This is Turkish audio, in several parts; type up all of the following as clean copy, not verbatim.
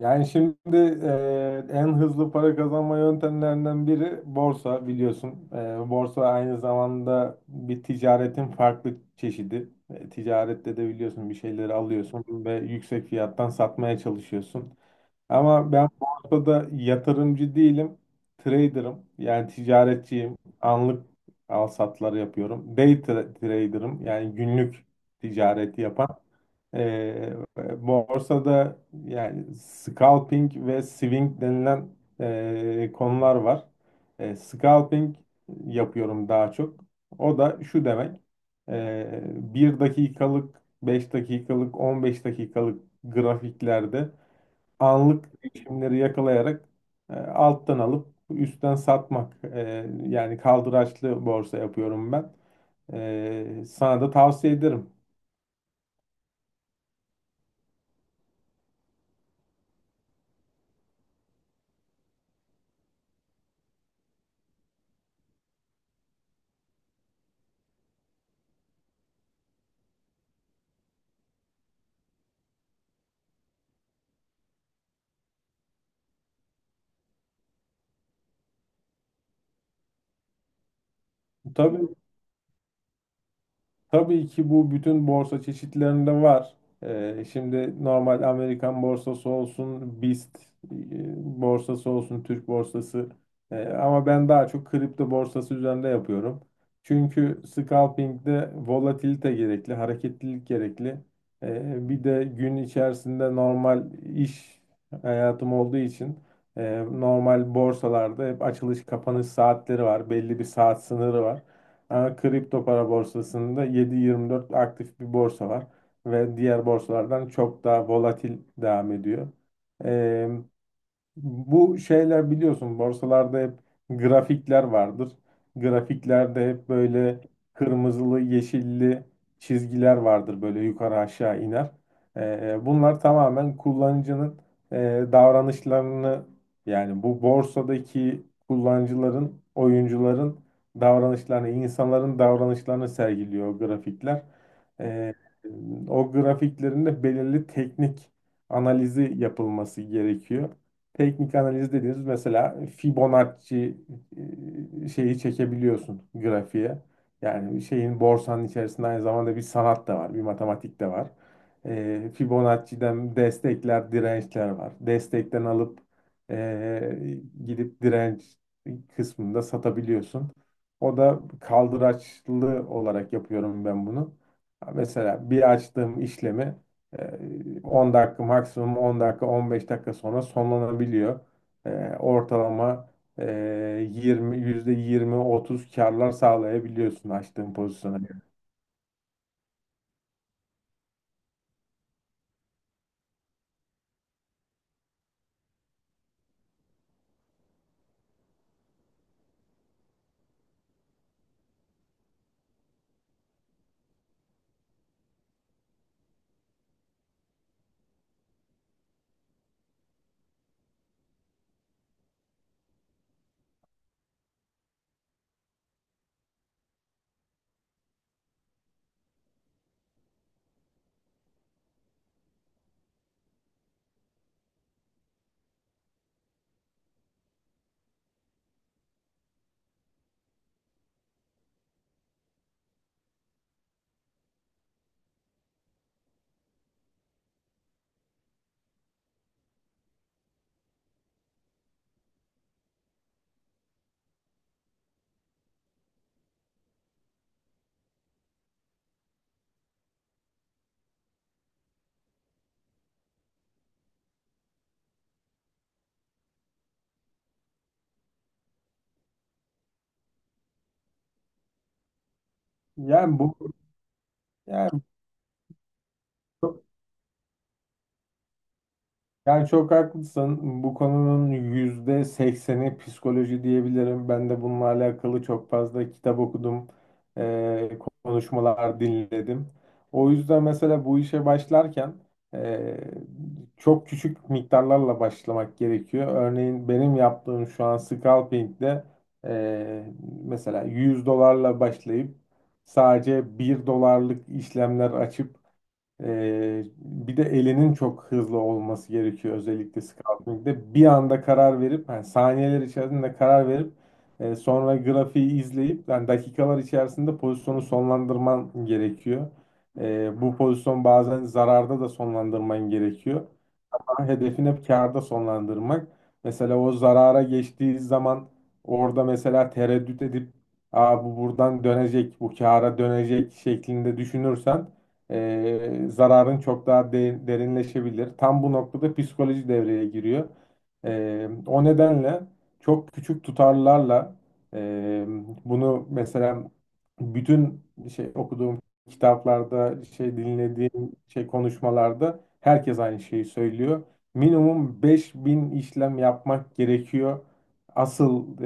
Yani şimdi en hızlı para kazanma yöntemlerinden biri borsa biliyorsun. Borsa aynı zamanda bir ticaretin farklı çeşidi. Ticarette de biliyorsun bir şeyleri alıyorsun ve yüksek fiyattan satmaya çalışıyorsun. Ama ben borsada yatırımcı değilim. Trader'ım. Yani ticaretçiyim. Anlık al satlar yapıyorum. Day trader'ım. Yani günlük ticareti yapan. Ee, Borsada yani scalping ve swing denilen konular var. Scalping yapıyorum daha çok. O da şu demek. E, 1 dakikalık, 5 dakikalık, 15 dakikalık grafiklerde anlık değişimleri yakalayarak alttan alıp üstten satmak. Yani kaldıraçlı borsa yapıyorum ben. Sana da tavsiye ederim. Tabii Tabii ki bu bütün borsa çeşitlerinde var. Şimdi normal Amerikan borsası olsun, BIST borsası olsun, Türk borsası. Ama ben daha çok kripto borsası üzerinde yapıyorum. Çünkü scalping'de volatilite gerekli, hareketlilik gerekli. Bir de gün içerisinde normal iş hayatım olduğu için normal borsalarda hep açılış kapanış saatleri var, belli bir saat sınırı var. Ama kripto para borsasında 7/24 aktif bir borsa var ve diğer borsalardan çok daha volatil devam ediyor. Ee, Bu şeyler biliyorsun borsalarda hep grafikler vardır. Grafiklerde hep böyle kırmızılı, yeşilli çizgiler vardır böyle yukarı aşağı iner. Bunlar tamamen kullanıcının e, davranışlarını yani bu borsadaki kullanıcıların, oyuncuların davranışlarını, insanların davranışlarını sergiliyor o grafikler. Ee, O grafiklerinde belirli teknik analizi yapılması gerekiyor. Teknik analiz dediğiniz mesela Fibonacci şeyi çekebiliyorsun grafiğe. Yani şeyin borsanın içerisinde aynı zamanda bir sanat da var, bir matematik de var. Fibonacci'den destekler, dirençler var. Destekten alıp e, gidip direnç kısmında satabiliyorsun. O da kaldıraçlı olarak yapıyorum ben bunu. Mesela bir açtığım işlemi ee, 10 dakika maksimum 10 dakika 15 dakika sonra sonlanabiliyor. Ee, Ortalama 20 %20-30 karlar sağlayabiliyorsun açtığın pozisyona göre. Yani bu yani Yani çok haklısın. Bu konunun %80'i psikoloji diyebilirim. Ben de bununla alakalı çok fazla kitap okudum, konuşmalar dinledim. O yüzden mesela bu işe başlarken eee, çok küçük miktarlarla başlamak gerekiyor. Örneğin benim yaptığım şu an scalping'de eee, mesela 100 dolarla başlayıp sadece 1 dolarlık işlemler açıp bir de elinin çok hızlı olması gerekiyor özellikle scouting'de. Bir anda karar verip yani saniyeler içerisinde karar verip sonra grafiği izleyip yani dakikalar içerisinde pozisyonu sonlandırman gerekiyor. Bu pozisyon bazen zararda da sonlandırman gerekiyor, hedefin hep kârda sonlandırmak. Mesela o zarara geçtiği zaman orada mesela tereddüt edip "Aa, bu buradan dönecek, bu kâra dönecek" şeklinde düşünürsen zararın çok daha derinleşebilir. Tam bu noktada psikoloji devreye giriyor. O nedenle çok küçük tutarlarla eee, bunu mesela bütün şey okuduğum kitaplarda, şey dinlediğim şey konuşmalarda herkes aynı şeyi söylüyor. Minimum 5.000 işlem yapmak gerekiyor. Asıl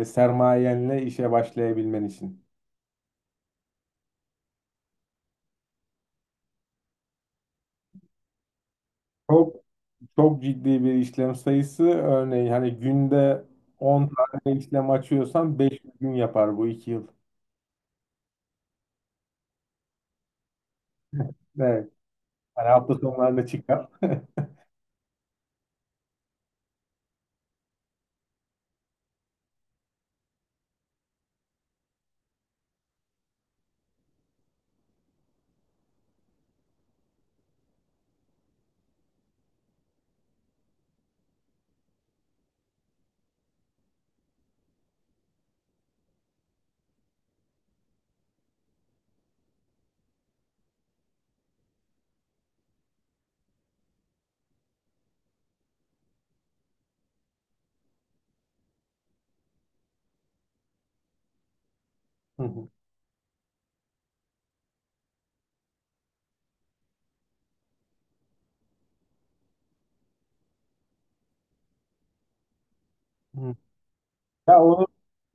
sermayenle işe başlayabilmen için. Çok çok ciddi bir işlem sayısı. Örneğin hani günde 10 tane işlem açıyorsan 5 gün yapar bu 2 yıl. Evet. Hani hafta sonlarında çıkar. Hı hı. Hı. Ya onun,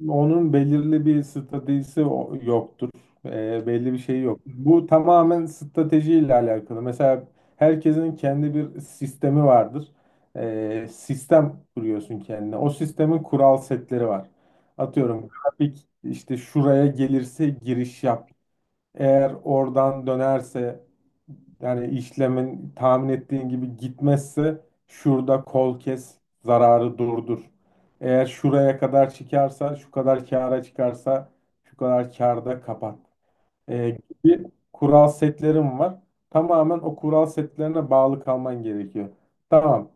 onun belirli bir stratejisi yoktur. Belli bir şey yok. Bu tamamen stratejiyle alakalı. Mesela herkesin kendi bir sistemi vardır. Sistem kuruyorsun kendine. O sistemin kural setleri var. Atıyorum grafik işte şuraya gelirse giriş yap, eğer oradan dönerse, yani işlemin tahmin ettiğin gibi gitmezse şurada kol kes, zararı durdur. Eğer şuraya kadar çıkarsa, şu kadar kâra çıkarsa, şu kadar kârda kapat. Ee, Gibi kural setlerim var. Tamamen o kural setlerine bağlı kalman gerekiyor. Tamam,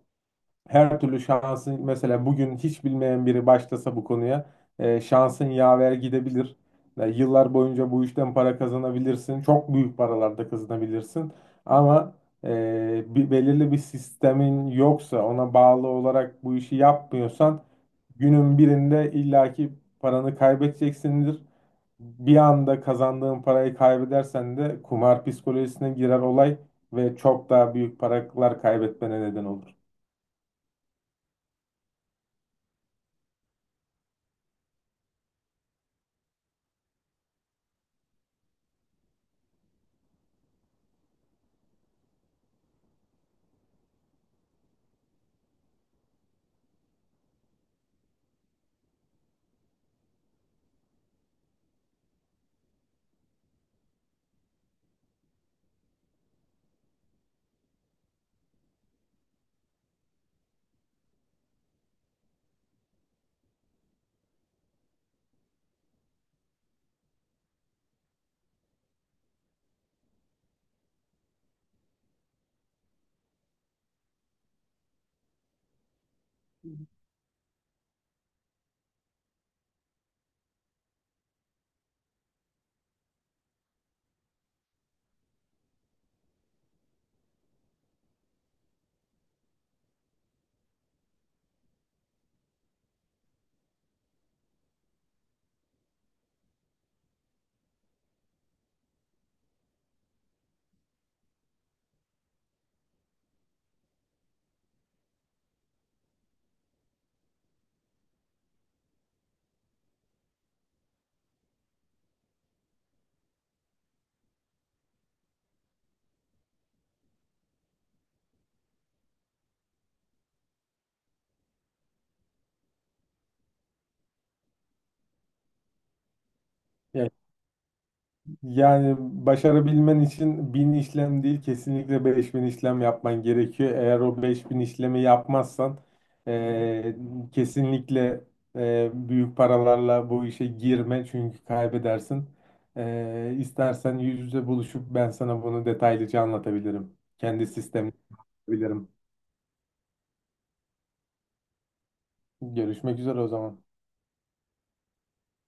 her türlü şansın mesela bugün hiç bilmeyen biri başlasa bu konuya şansın yaver gidebilir. Yani yıllar boyunca bu işten para kazanabilirsin. Çok büyük paralarda kazanabilirsin. Ama belirli bir sistemin yoksa, ona bağlı olarak bu işi yapmıyorsan günün birinde illaki paranı kaybedeceksindir. Bir anda kazandığın parayı kaybedersen de kumar psikolojisine girer olay ve çok daha büyük paralar kaybetmene neden olur. Ya Yani başarabilmen için 1.000 işlem değil, kesinlikle 5.000 işlem yapman gerekiyor. Eğer o 5.000 işlemi yapmazsan eee, kesinlikle büyük paralarla bu işe girme, çünkü kaybedersin. İstersen yüz yüze buluşup ben sana bunu detaylıca anlatabilirim. Kendi sistemimi anlatabilirim. Görüşmek üzere o zaman.